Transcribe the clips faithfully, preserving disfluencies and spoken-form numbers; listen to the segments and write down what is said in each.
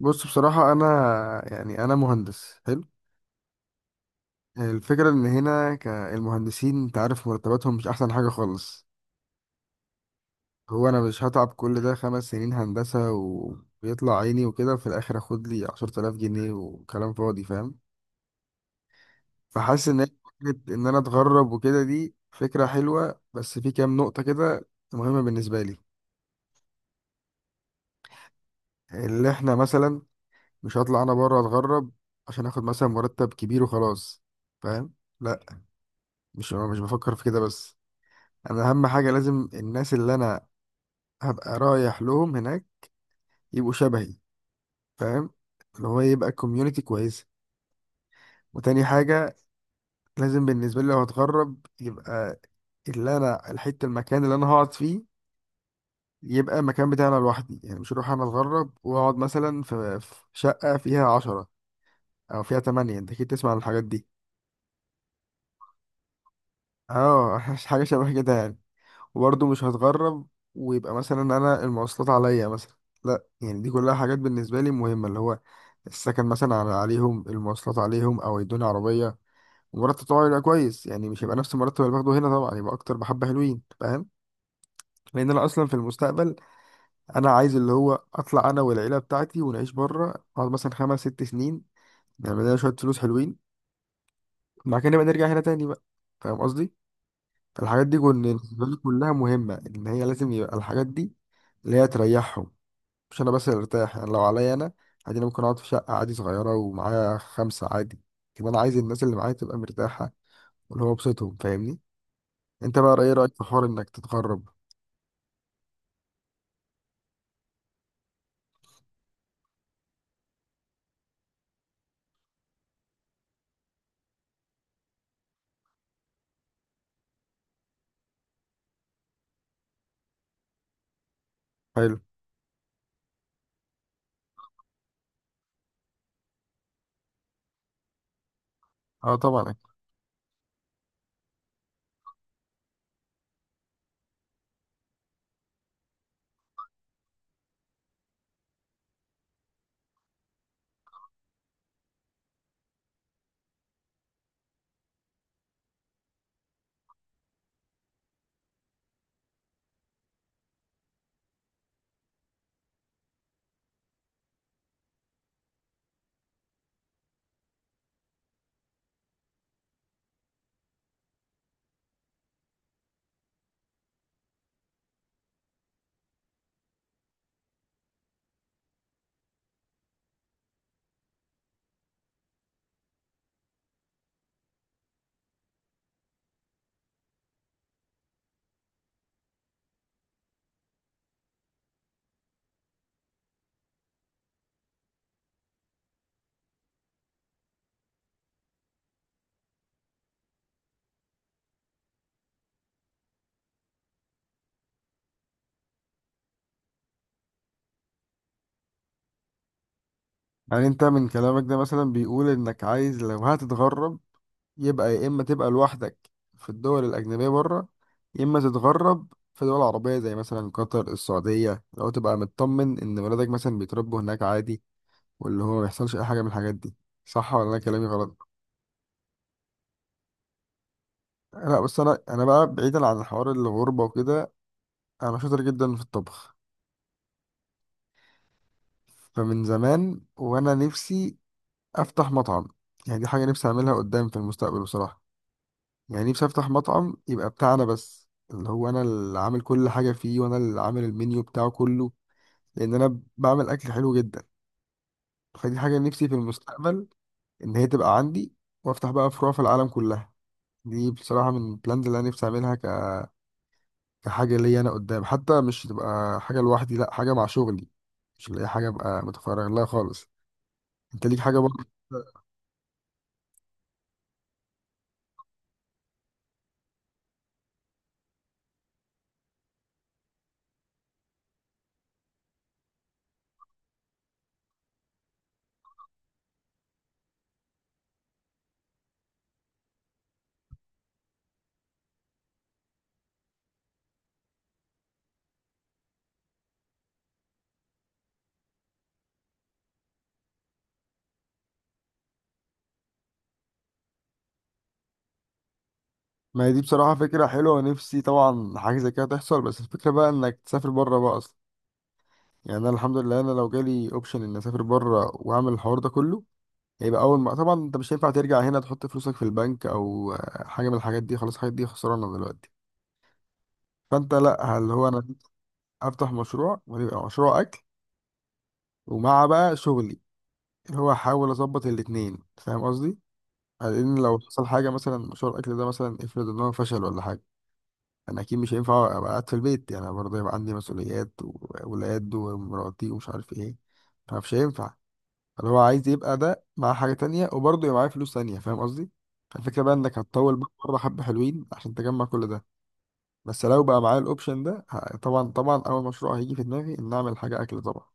بص، بصراحة أنا يعني أنا مهندس حلو. الفكرة إن هنا كالمهندسين أنت عارف مرتباتهم مش أحسن حاجة خالص. هو أنا مش هتعب كل ده خمس سنين هندسة وبيطلع عيني وكده في الآخر أخد لي عشرة آلاف جنيه وكلام فاضي، فاهم؟ فحاسس إن هي فكرة إن أنا أتغرب وكده دي فكرة حلوة، بس في كام نقطة كده مهمة بالنسبة لي. اللي إحنا مثلا مش هطلع أنا بره أتغرب عشان آخد مثلا مرتب كبير وخلاص، فاهم؟ لأ، مش مش بفكر في كده بس. انا اهم حاجه لازم الناس اللي انا هبقى رايح لهم هناك يبقوا شبهي، فاهم؟ اللي هو يبقى كوميونتي كويسه. وتاني حاجه، لازم بالنسبه لي لو هتغرب يبقى اللي انا الحته المكان اللي انا هقعد فيه يبقى المكان بتاعنا لوحدي. يعني مش هروح انا اتغرب واقعد مثلا في في شقه فيها عشرة او فيها تمانية. انت اكيد تسمع عن الحاجات دي. اه، حاجه شبه كده يعني. وبرضه مش هتغرب ويبقى مثلا انا المواصلات عليا مثلا، لا. يعني دي كلها حاجات بالنسبه لي مهمه، اللي هو السكن مثلا على عليهم، المواصلات عليهم او يدوني عربيه، ومرتب طبعا يبقى كويس. يعني مش هيبقى نفس المرتب اللي باخده هنا طبعا، يبقى اكتر بحبه حلوين، فاهم؟ لان انا اصلا في المستقبل انا عايز اللي هو اطلع انا والعيله بتاعتي ونعيش بره، اقعد مثلا خمس ست سنين نعمل لنا شويه فلوس حلوين، بعد كده نبقى نرجع هنا تاني بقى. فاهم قصدي؟ الحاجات دي كن- بالنسبه لي كلها مهمه، ان هي لازم يبقى الحاجات دي اللي هي تريحهم. مش انا بس اللي ارتاح. يعني لو عليا انا، عادي، انا ممكن اقعد في شقه عادي صغيره ومعايا خمسه عادي كده. انا عايز الناس اللي معايا تبقى مرتاحه واللي هو بسطهم، فاهمني؟ انت بقى ايه رايك في حوار انك تتغرب؟ حلو. اه طبعا. يعني انت من كلامك ده مثلا بيقول انك عايز لو هتتغرب يبقى يا اما تبقى لوحدك في الدول الاجنبيه بره، يا اما تتغرب في دول عربيه زي مثلا قطر السعوديه لو تبقى مطمن ان ولادك مثلا بيتربوا هناك عادي، واللي هو ما يحصلش اي حاجه من الحاجات دي. صح ولا انا كلامي غلط؟ لا بس انا انا بقى بعيدا عن الحوار الغربه وكده، انا شاطر جدا في الطبخ. فمن زمان وانا نفسي افتح مطعم. يعني دي حاجه نفسي اعملها قدام في المستقبل بصراحه. يعني نفسي افتح مطعم يبقى بتاعنا بس، اللي هو انا اللي عامل كل حاجه فيه وانا اللي عامل المنيو بتاعه كله، لان انا بعمل اكل حلو جدا. فدي حاجه نفسي في المستقبل ان هي تبقى عندي، وافتح بقى فروع في العالم كلها. دي بصراحه من البلانز اللي انا نفسي اعملها كحاجة ليا أنا قدام، حتى مش تبقى حاجة لوحدي، لأ، حاجة مع شغلي. مش اللي هي حاجة أبقى متفرغ لها خالص. أنت ليك حاجة برضه؟ ما هي دي بصراحة فكرة حلوة، نفسي طبعا حاجة زي كده تحصل، بس الفكرة بقى إنك تسافر بره بقى أصلا. يعني أنا الحمد لله أنا لو جالي أوبشن إني أسافر بره وأعمل الحوار ده كله، هيبقى أول ما طبعا أنت مش هينفع ترجع هنا تحط فلوسك في البنك أو آه، حاجة من الحاجات دي، خلاص الحاجات دي خسرانة دلوقتي. فأنت لأ، اللي هو أنا أفتح مشروع ويبقى مشروع أكل، ومع بقى شغلي اللي هو احاول اظبط الاتنين. فاهم قصدي؟ لان لو حصل حاجه مثلا مشروع الاكل ده مثلا افرض ان هو فشل ولا حاجه، انا اكيد مش هينفع ابقى قاعد في البيت. يعني أنا برضه يبقى عندي مسؤوليات واولاد ومراتي ومش عارف ايه. فمش هينفع، اللي هو عايز يبقى ده مع حاجه تانية وبرضه يبقى معاه فلوس تانية. فاهم قصدي؟ فالفكره بقى انك هتطول بقى مره حبه حلوين عشان تجمع كل ده. بس لو بقى معايا الاوبشن ده، ه- طبعا طبعا اول مشروع هيجي في دماغي ان اعمل حاجه اكل طبعا.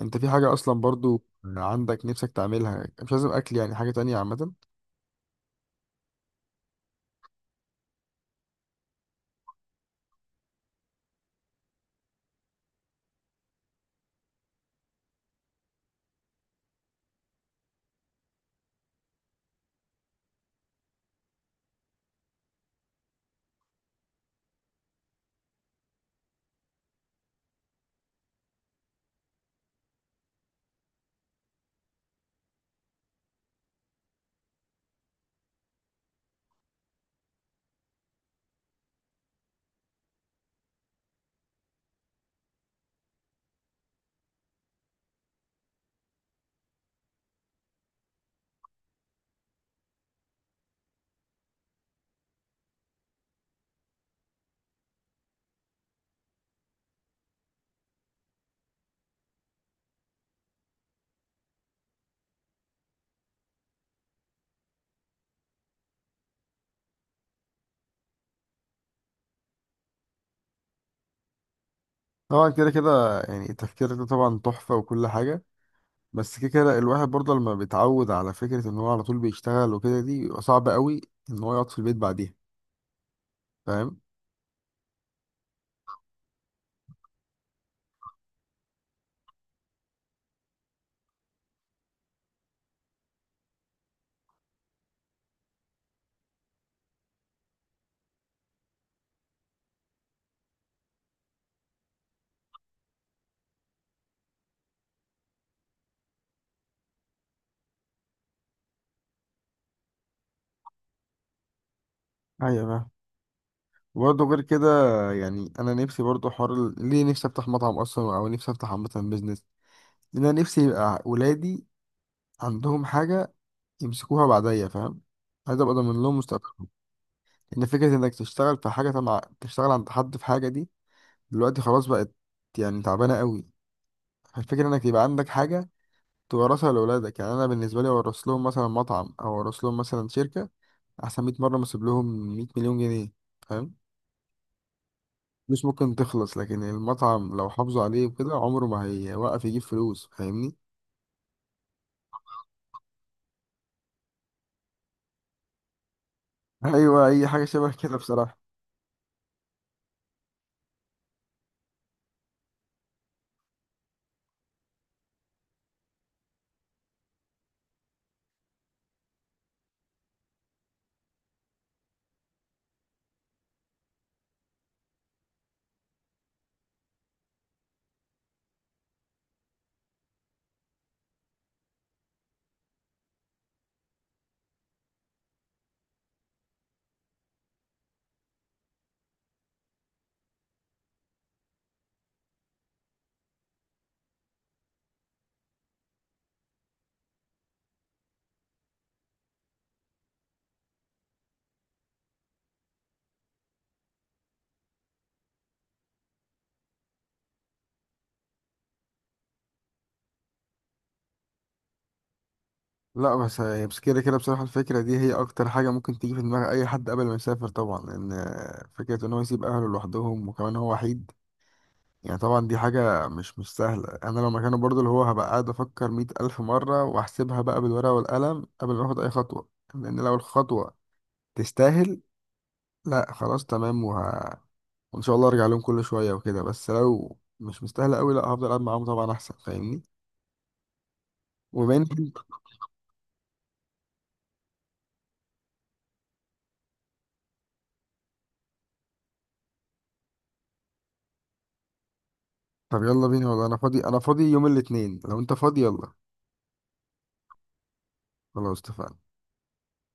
انت في حاجة اصلا برضو عندك نفسك تعملها؟ مش لازم اكل، يعني حاجة تانية عامة. طبعا كده كده يعني التفكير ده طبعا تحفة وكل حاجة، بس كده كده الواحد برضه لما بيتعود على فكرة ان هو على طول بيشتغل وكده دي بيبقى صعب قوي ان هو يقعد في البيت بعديها، فاهم؟ ايوه فاهم. وبرضه غير كده، يعني انا نفسي برضه حوار ال- ليه نفسي افتح مطعم اصلا او نفسي افتح عامة بيزنس، لان انا نفسي يبقى ولادي عندهم حاجة يمسكوها بعديا. فاهم؟ عايز ابقى ضامن لهم مستقبل. ان فكره انك تشتغل في حاجه، تبع تشتغل عند حد في حاجه دي، دلوقتي خلاص بقت يعني تعبانه قوي. الفكره انك يبقى عندك حاجه تورثها لاولادك. يعني انا بالنسبه لي اورث لهم مثلا مطعم او اورث لهم مثلا شركه احسن مية مره ما اسيب لهم مية مليون جنيه مليون جنيه، فاهم؟ مش ممكن تخلص. لكن المطعم لو حافظوا عليه وكده عمره ما هيوقف يجيب فلوس، فاهمني؟ ايوه اي حاجه شبه كده بصراحه. لا بس هي- بس كده كده بصراحة الفكرة دي هي أكتر حاجة ممكن تيجي في دماغ أي حد قبل ما يسافر طبعا، لأن فكرة إن هو يسيب أهله لوحدهم وكمان هو وحيد، يعني طبعا دي حاجة مش مش سهلة. أنا لو مكانه برضه اللي هو هبقى قاعد أفكر مية ألف مرة وأحسبها بقى بالورقة والقلم قبل ما آخد أي خطوة. لأن لو الخطوة تستاهل، لا خلاص تمام، وه... وإن شاء الله أرجع لهم كل شوية وكده. بس لو مش مستاهلة أوي، لا هفضل قاعد معاهم طبعا أحسن، فاهمني؟ وبين، طب يلا بينا، والله أنا فاضي، أنا فاضي يوم الاتنين لو أنت فاضي، يلا. خلاص اتفقنا.